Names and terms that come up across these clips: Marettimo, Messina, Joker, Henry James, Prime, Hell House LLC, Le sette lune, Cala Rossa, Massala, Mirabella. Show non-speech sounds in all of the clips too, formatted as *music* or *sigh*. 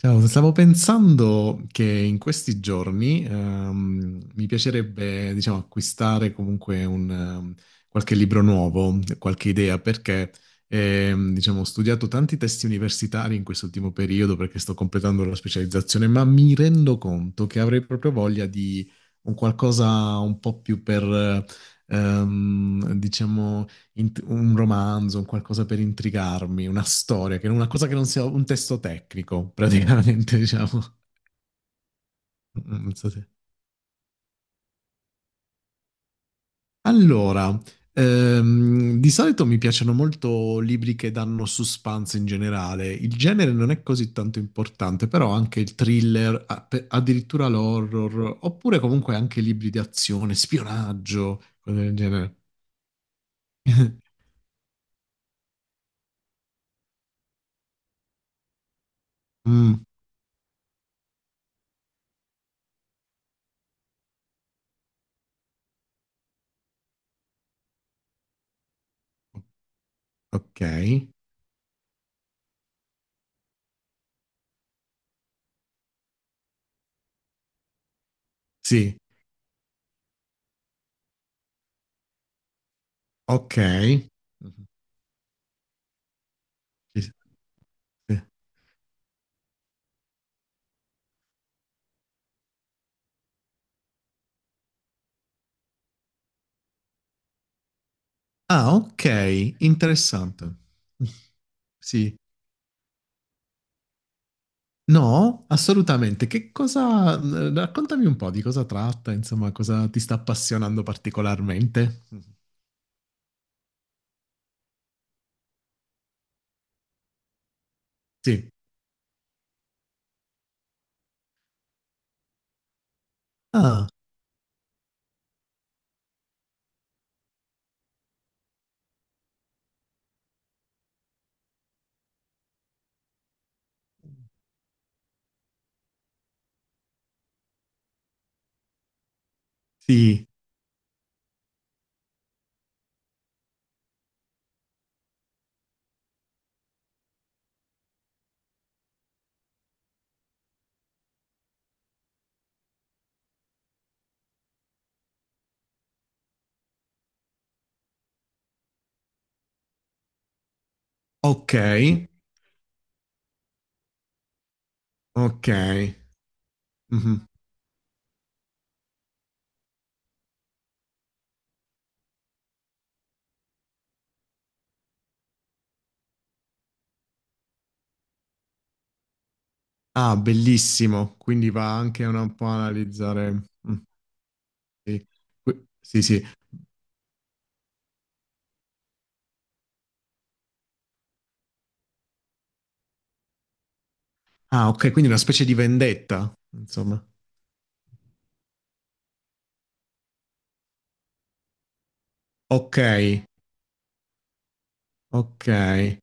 Ciao, stavo pensando che in questi giorni mi piacerebbe, diciamo, acquistare comunque qualche libro nuovo, qualche idea, perché diciamo, ho studiato tanti testi universitari in quest'ultimo periodo perché sto completando la specializzazione, ma mi rendo conto che avrei proprio voglia di un qualcosa un po' più per, diciamo, un romanzo, un qualcosa per intrigarmi, una storia, che una cosa che non sia un testo tecnico, praticamente, *laughs* diciamo. Non so se- Allora, di solito mi piacciono molto libri che danno suspense in generale. Il genere non è così tanto importante, però anche il thriller, addirittura l'horror, oppure comunque anche libri di azione, spionaggio, cose del genere. *laughs* Mm, ok, sì, ok. Mhm. Sì, sì. Ah, ok, interessante. Sì. No, assolutamente. Raccontami un po' di cosa tratta, insomma, cosa ti sta appassionando particolarmente. Sì. Ah, sì. Ok, ok. Mhm. Ah, bellissimo. Quindi va anche un po' a analizzare. Mm, sì. Sì, sì. Ah, ok, quindi una specie di vendetta, insomma. Ok, ok.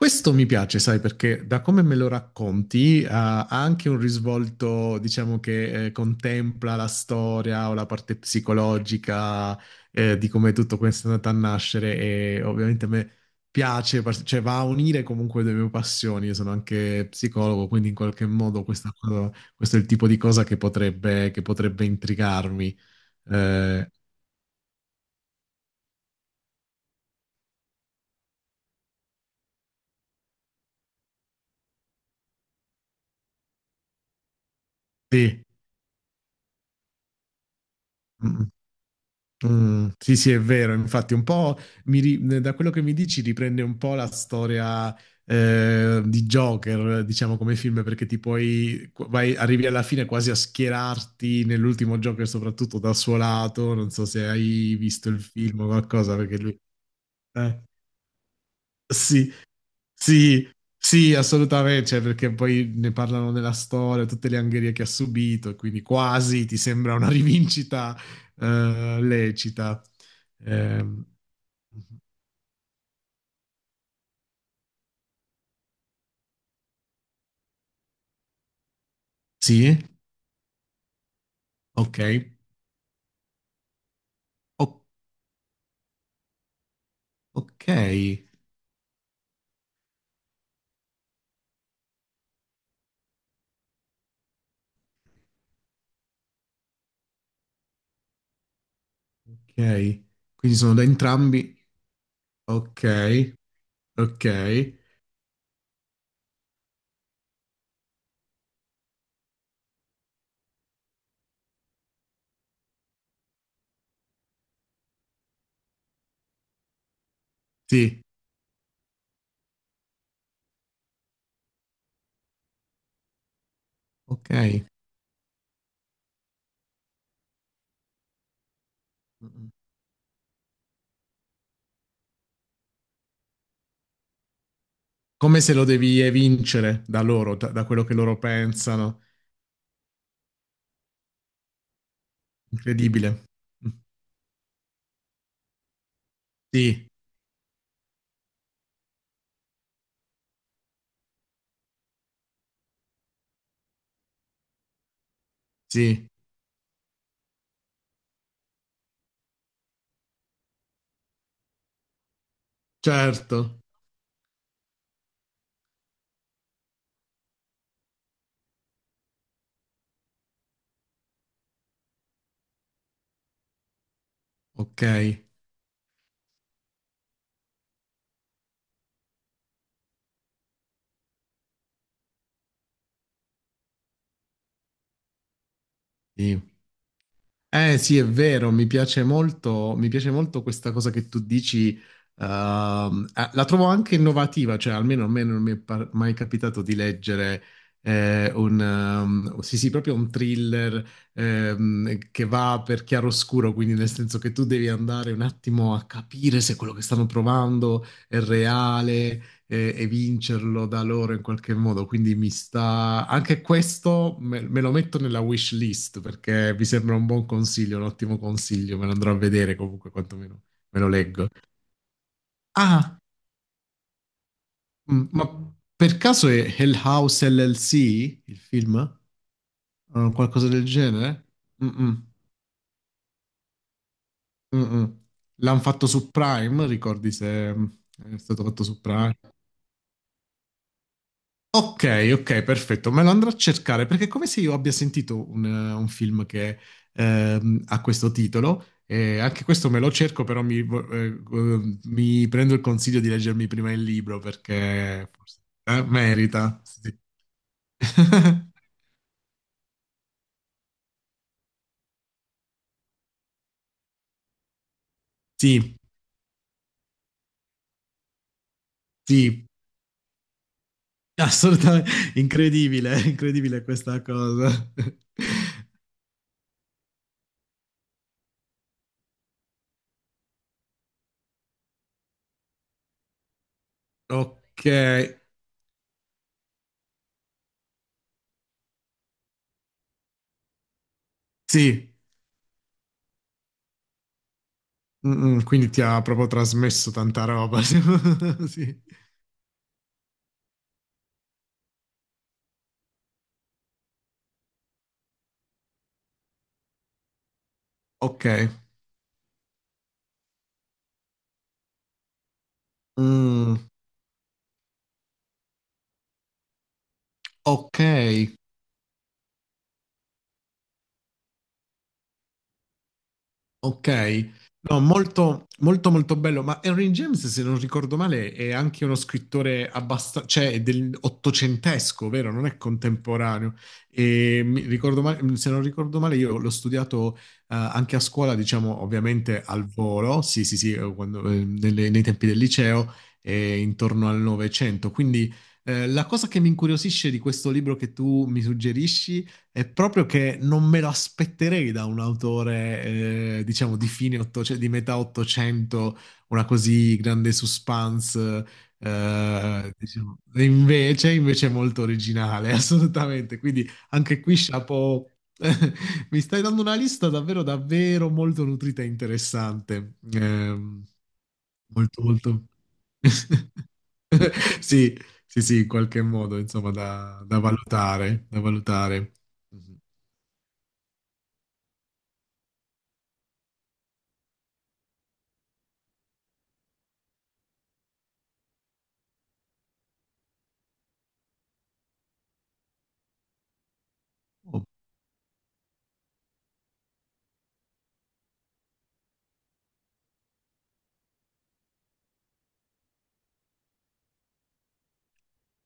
Questo mi piace, sai, perché da come me lo racconti, ha anche un risvolto, diciamo, che contempla la storia o la parte psicologica, di come tutto questo è andato a nascere e ovviamente a me piace, cioè va a unire comunque le mie passioni, io sono anche psicologo, quindi in qualche modo questo è il tipo di cosa che potrebbe intrigarmi. Eh, sì. Mm, sì, sì, è vero. Infatti, un po' da quello che mi dici riprende un po' la storia di Joker, diciamo come film, perché arrivi alla fine quasi a schierarti nell'ultimo Joker, soprattutto dal suo lato. Non so se hai visto il film o qualcosa, perché lui. Eh, sì, sì, sì, assolutamente. Cioè, perché poi ne parlano della storia, tutte le angherie che ha subito, e quindi quasi ti sembra una *laughs* rivincita lecita. Ehm, sì? Ok. O- ok. Ok. Quindi sono da entrambi. Ok. Ok. Sì. Ok. Come se lo devi evincere da loro, da quello che loro pensano. Incredibile. Sì. Sì. Certo. Ok. Sì. Eh sì, è vero, mi piace molto questa cosa che tu dici, la trovo anche innovativa, cioè almeno a me non mi è mai capitato di leggere sì sì, proprio un thriller, che va per chiaroscuro, quindi nel senso che tu devi andare un attimo a capire se quello che stanno provando è reale, e vincerlo da loro in qualche modo. Quindi mi sta anche questo, me lo metto nella wish list perché mi sembra un buon consiglio, un ottimo consiglio. Me lo andrò a vedere comunque, quantomeno me lo leggo. Ah, ma per caso è Hell House LLC il film? Qualcosa del genere? Mm-mm, mm-mm. L'hanno fatto su Prime, ricordi se è stato fatto su Prime? Ok, ok, perfetto. Me lo andrò a cercare perché è come se io abbia sentito un film che ha questo titolo. E anche questo me lo cerco, però mi prendo il consiglio di leggermi prima il libro perché forse, merita. Sì. *laughs* Sì, sì, assolutamente incredibile, *laughs* incredibile questa cosa. *laughs* Ok, sì, Mm, quindi ti ha proprio trasmesso tanta roba. *laughs* Sì. Ok. Mm, ok, ok. No, molto, molto, molto bello. Ma Henry James, se non ricordo male, è anche uno scrittore abbastanza, cioè è del ottocentesco, vero? Non è contemporaneo. Se non ricordo male, io l'ho studiato anche a scuola, diciamo, ovviamente al volo, sì, sì, sì, nei tempi del liceo, intorno al Novecento. Quindi la cosa che mi incuriosisce di questo libro che tu mi suggerisci è proprio che non me lo aspetterei da un autore, diciamo, di fine 800 di metà 800, una così grande suspense. Diciamo. E invece, invece è molto originale, *laughs* assolutamente. Quindi anche qui, chapeau. *laughs* Mi stai dando una lista davvero, davvero molto nutrita e interessante. Molto, molto. *laughs* Sì, sì, sì, in qualche modo, insomma, da valutare, da valutare. Mhm. O-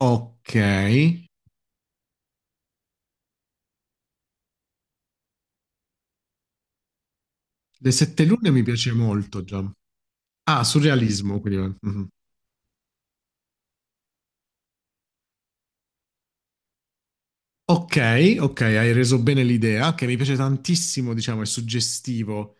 Ok. Le sette lune mi piace molto, già. Ah, surrealismo, quindi. Mhm. Ok, ok, hai reso bene l'idea, che mi piace tantissimo, diciamo, è suggestivo.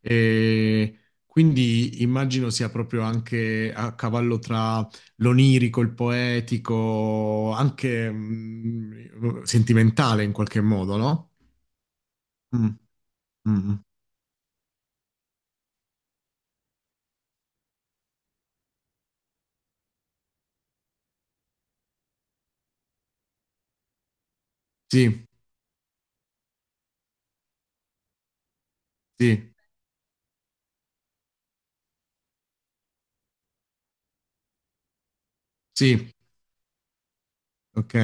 E quindi immagino sia proprio anche a cavallo tra l'onirico, il poetico, anche sentimentale in qualche modo, no? Mm, mm, mm. Sì, sì, sì, ok,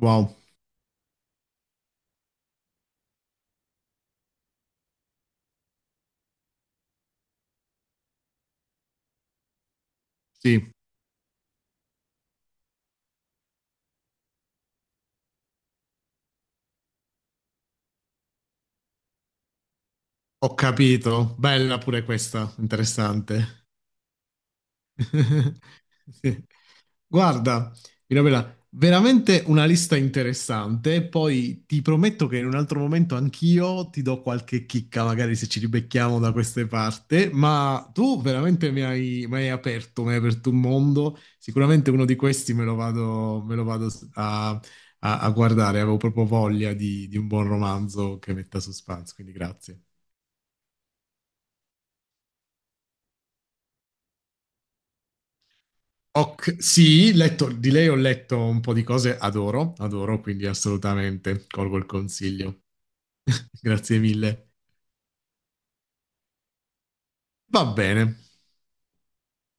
wow, sì, ho capito, bella pure questa, interessante. *laughs* Sì. Guarda, Mirabella, veramente una lista interessante. Poi ti prometto che in un altro momento anch'io ti do qualche chicca, magari se ci ribecchiamo da queste parti. Ma tu veramente mi hai aperto un mondo. Sicuramente uno di questi me lo vado a, a guardare. Avevo proprio voglia di un buon romanzo che metta suspense, quindi grazie. Ok, sì, di lei ho letto un po' di cose, adoro, adoro, quindi assolutamente colgo il consiglio. *laughs* Grazie mille. Va bene.